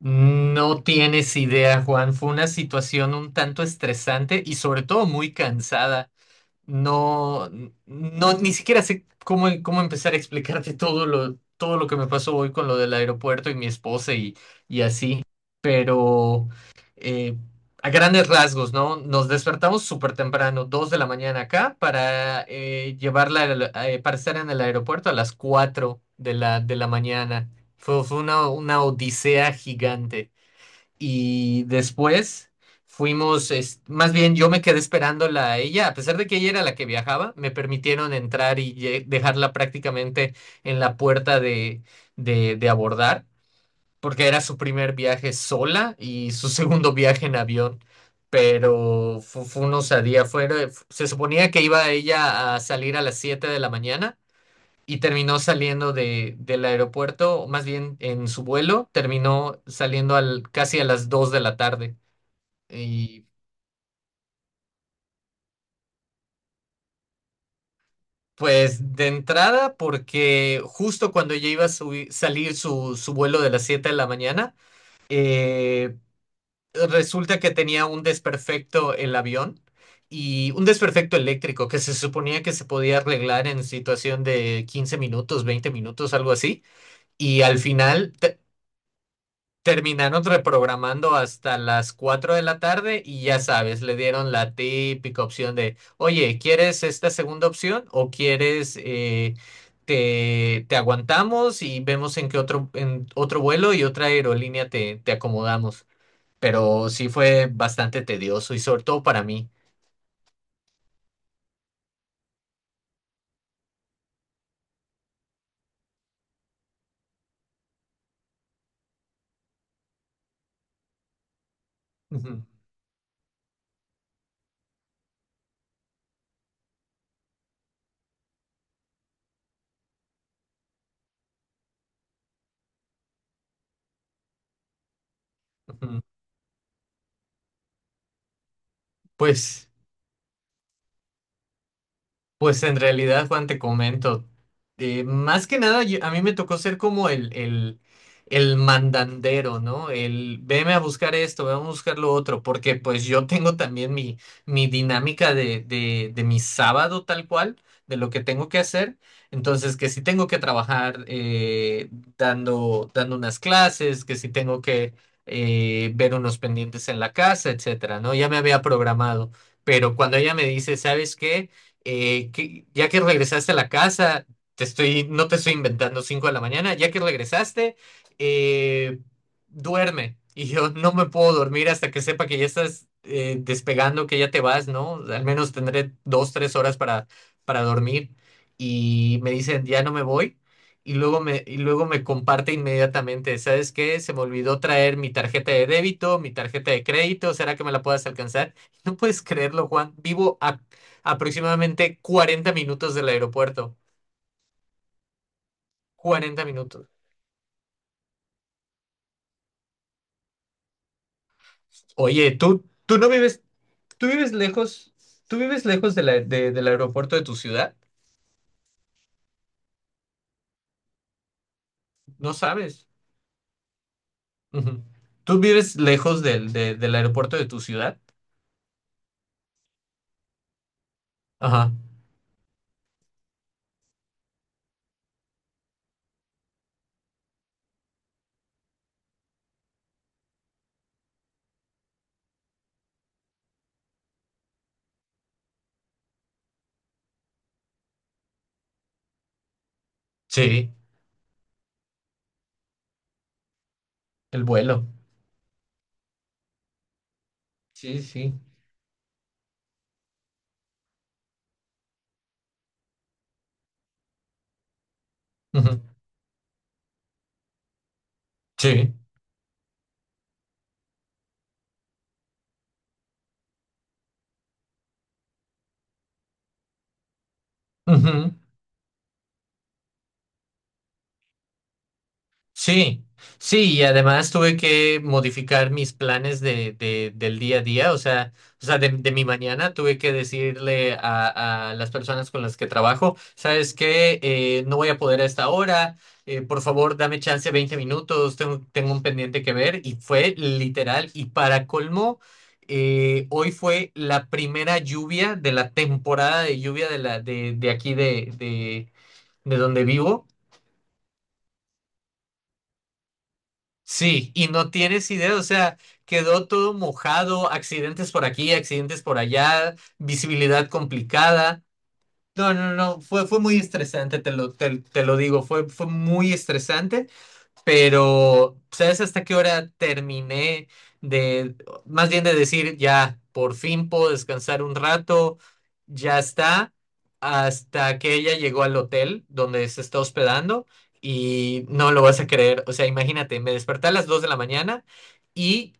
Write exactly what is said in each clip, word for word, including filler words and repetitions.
No tienes idea, Juan. Fue una situación un tanto estresante y sobre todo muy cansada. No, no, ni siquiera sé cómo, cómo empezar a explicarte todo lo, todo lo que me pasó hoy con lo del aeropuerto y mi esposa y, y así, pero eh, a grandes rasgos, ¿no? Nos despertamos súper temprano, dos de la mañana acá, para eh, llevarla, al- eh, para estar en el aeropuerto a las cuatro de la, de la mañana. Fue, fue una, una odisea gigante y después fuimos, es- más bien yo me quedé esperándola a ella, a pesar de que ella era la que viajaba, me permitieron entrar y lle- dejarla prácticamente en la puerta de, de, de abordar, porque era su primer viaje sola y su segundo viaje en avión. Pero fu- fue una osadía. Fue, se suponía que iba ella a salir a las siete de la mañana y terminó saliendo de, del aeropuerto, o más bien en su vuelo, terminó saliendo al, casi a las dos de la tarde. Y pues de entrada, porque justo cuando ya iba a subi- salir su, su vuelo de las siete de la mañana, eh, resulta que tenía un desperfecto el avión. Y un desperfecto eléctrico que se suponía que se podía arreglar en situación de quince minutos, veinte minutos, algo así. Y al final, terminaron reprogramando hasta las cuatro de la tarde y ya sabes, le dieron la típica opción de, oye, ¿quieres esta segunda opción o quieres eh, te, te aguantamos y vemos en qué otro, en otro vuelo y otra aerolínea te, te acomodamos? Pero sí fue bastante tedioso y sobre todo para mí. Ujú, ujú. Pues... Pues en realidad, Juan, te comento, eh, más que nada yo- a mí me tocó ser como el, el, el mandandero, ¿no? El veme a buscar esto, veme a buscar lo otro, porque pues yo tengo también mi, mi dinámica de, de, de mi sábado tal cual, de lo que tengo que hacer, entonces que si tengo que trabajar eh, dando, dando unas clases, que si tengo que eh, ver unos pendientes en la casa, etcétera, ¿no? Ya me había programado, pero cuando ella me dice, ¿sabes qué? Eh, que, ya que regresaste a la casa, te estoy, no te estoy inventando cinco de la mañana, ya que regresaste, eh, duerme. Y yo no me puedo dormir hasta que sepa que ya estás eh, despegando, que ya te vas, ¿no? Al menos tendré dos, tres horas para, para dormir. Y me dicen, ya no me voy. Y luego me, y luego me comparte inmediatamente, ¿sabes qué? Se me olvidó traer mi tarjeta de débito, mi tarjeta de crédito, ¿será que me la puedas alcanzar? No puedes creerlo, Juan. Vivo a aproximadamente cuarenta minutos del aeropuerto. Cuarenta minutos. Oye, tú, tú no vives, tú vives lejos, tú vives lejos de la- de- del aeropuerto de tu ciudad. No sabes. Ujú. ¿Tú vives lejos del, de- del aeropuerto de tu ciudad? Ajá. Sí, el vuelo. Sí, sí. Ujú. Sí. Ujú. Sí, sí, y además tuve que modificar mis planes de, de- del día a día, o sea, o sea, de, de mi mañana tuve que decirle a, a las personas con las que trabajo, ¿sabes qué? Eh, no voy a poder a esta hora, eh, por favor, dame chance veinte minutos, tengo, tengo un pendiente que ver, y fue literal, y para colmo, eh, hoy fue la primera lluvia de la temporada de lluvia de la, de, de aquí de, de, de donde vivo. Sí, y no tienes idea, o sea, quedó todo mojado, accidentes por aquí, accidentes por allá, visibilidad complicada. No, no, no, fue, fue muy estresante, te lo, te, te lo digo, fue, fue muy estresante, pero ¿sabes hasta qué hora terminé de, más bien de decir, ya, por fin puedo descansar un rato, ya está? Hasta que ella llegó al hotel donde se está hospedando, y no lo vas a creer. O sea, imagínate, me desperté a las dos de la mañana y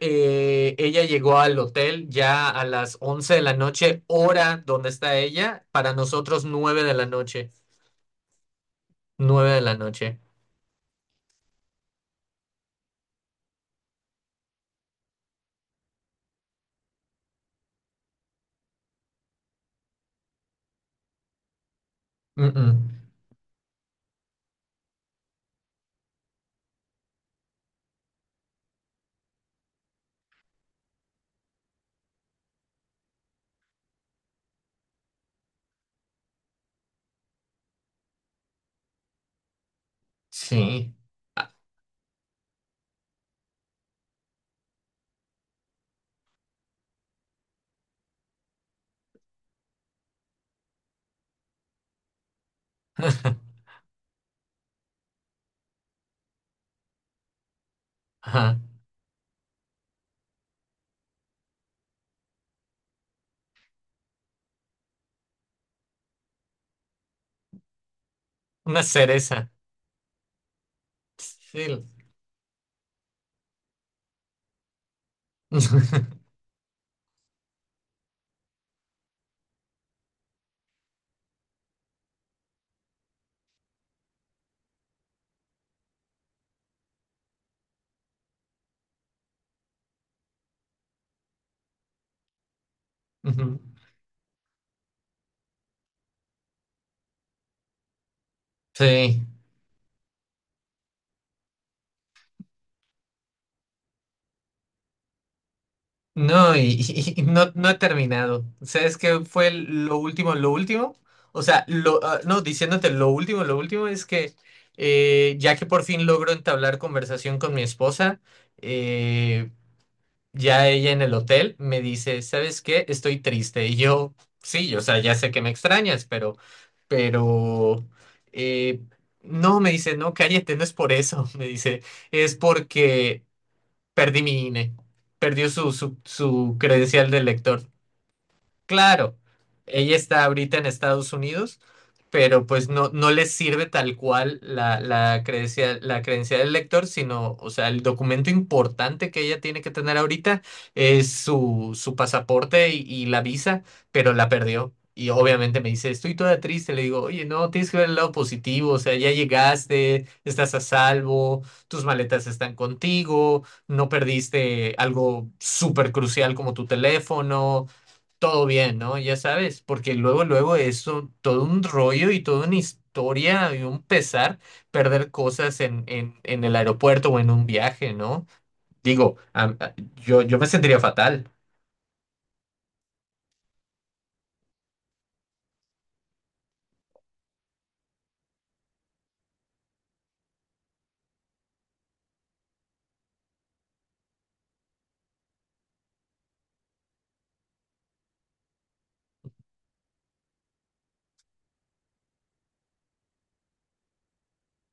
eh, ella llegó al hotel ya a las once de la noche, hora donde está ella, para nosotros nueve de la noche, nueve de la noche. Mm, mm. Sí. Ajá, una cereza. Sí. Ujú. Sí. No, y, y- y no, no he terminado. ¿Sabes qué fue lo último, lo último? O sea, lo, ah, no, diciéndote lo último, lo último es que eh, ya que por fin logro entablar conversación con mi esposa, eh, Ya ella en el hotel me dice, ¿sabes qué? Estoy triste. Y yo, sí, o sea, ya sé que me extrañas, pero, pero, eh, no, me dice, no, cállate, no es por eso. Me dice, es porque perdí mi I N E, perdió su, su, su credencial de lector. Claro, ella está ahorita en Estados Unidos, pero pues no, no les sirve tal cual la, la credencial la credencial del lector, sino, o sea, el documento importante que ella tiene que tener ahorita es su, su pasaporte y, y la visa, pero la perdió. Y obviamente me dice, estoy toda triste. Le digo, oye, no, tienes que ver el lado positivo, o sea, ya llegaste, estás a salvo, tus maletas están contigo, no perdiste algo súper crucial como tu teléfono, todo bien, ¿no? Ya sabes, porque luego, luego eso todo un rollo y toda una historia y un pesar perder cosas en, en, en el aeropuerto o en un viaje, ¿no? Digo, a- a- yo, yo me sentiría fatal.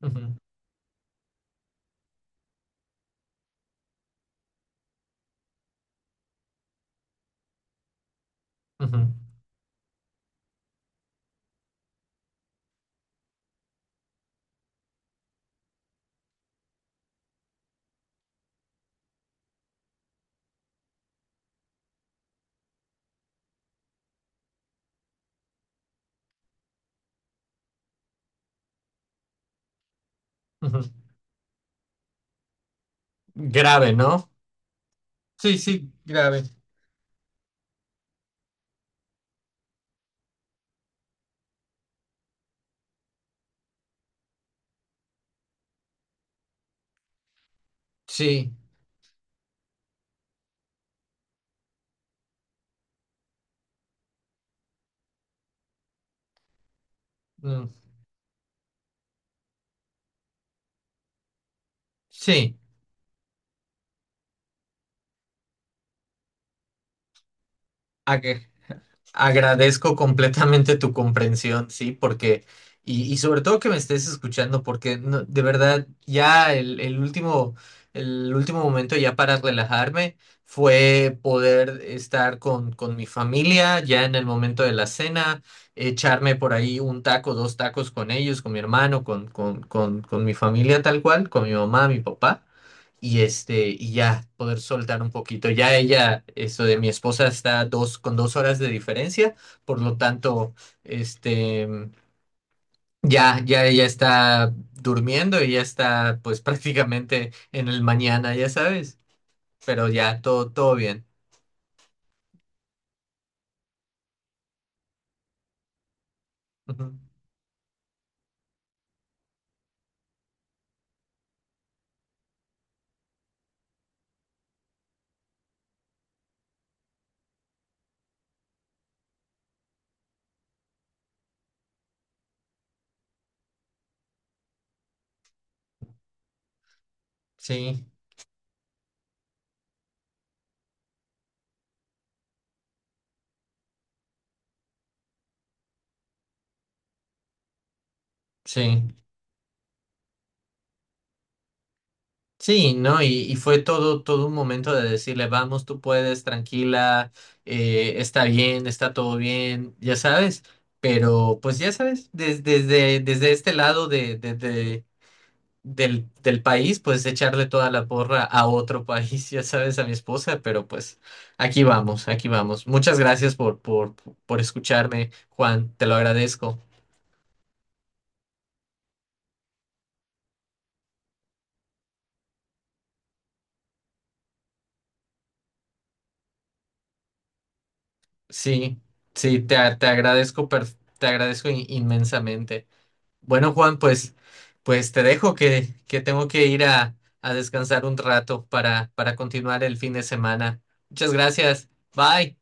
Ujú, ujú, ujú. Grave, ¿no? Sí, sí, grave. Sí, mm, sí. Agradezco completamente tu comprensión, sí, porque, y, y sobre todo que me estés escuchando, porque no- de verdad ya el, el último, el último momento ya para relajarme fue poder estar con, con mi familia ya en el momento de la cena, echarme por ahí un taco, dos tacos con ellos, con mi hermano, con, con, con, con mi familia tal cual, con mi mamá, mi papá y este, y ya poder soltar un poquito. Ya ella, esto de mi esposa está dos, con dos horas de diferencia, por lo tanto, este, ya, ya ella está durmiendo y ya está, pues, prácticamente en el mañana, ya sabes, pero ya todo, todo bien. Ujú. Sí, sí. Sí, ¿no? Y, y fue todo, todo un momento de decirle, vamos, tú puedes, tranquila, eh, está bien, está todo bien, ya sabes, pero pues ya sabes, des- desde, desde este lado de, de- de- del, del país, pues echarle toda la porra a otro país, ya sabes, a mi esposa, pero pues aquí vamos, aquí vamos. Muchas gracias por, por, por escucharme, Juan, te lo agradezco. Sí, sí, te, a- te agradezco, per- te agradezco, in- inmensamente. Bueno, Juan, pues, pues te dejo que, que tengo que ir a, a descansar un rato para, para continuar el fin de semana. Muchas gracias. Bye.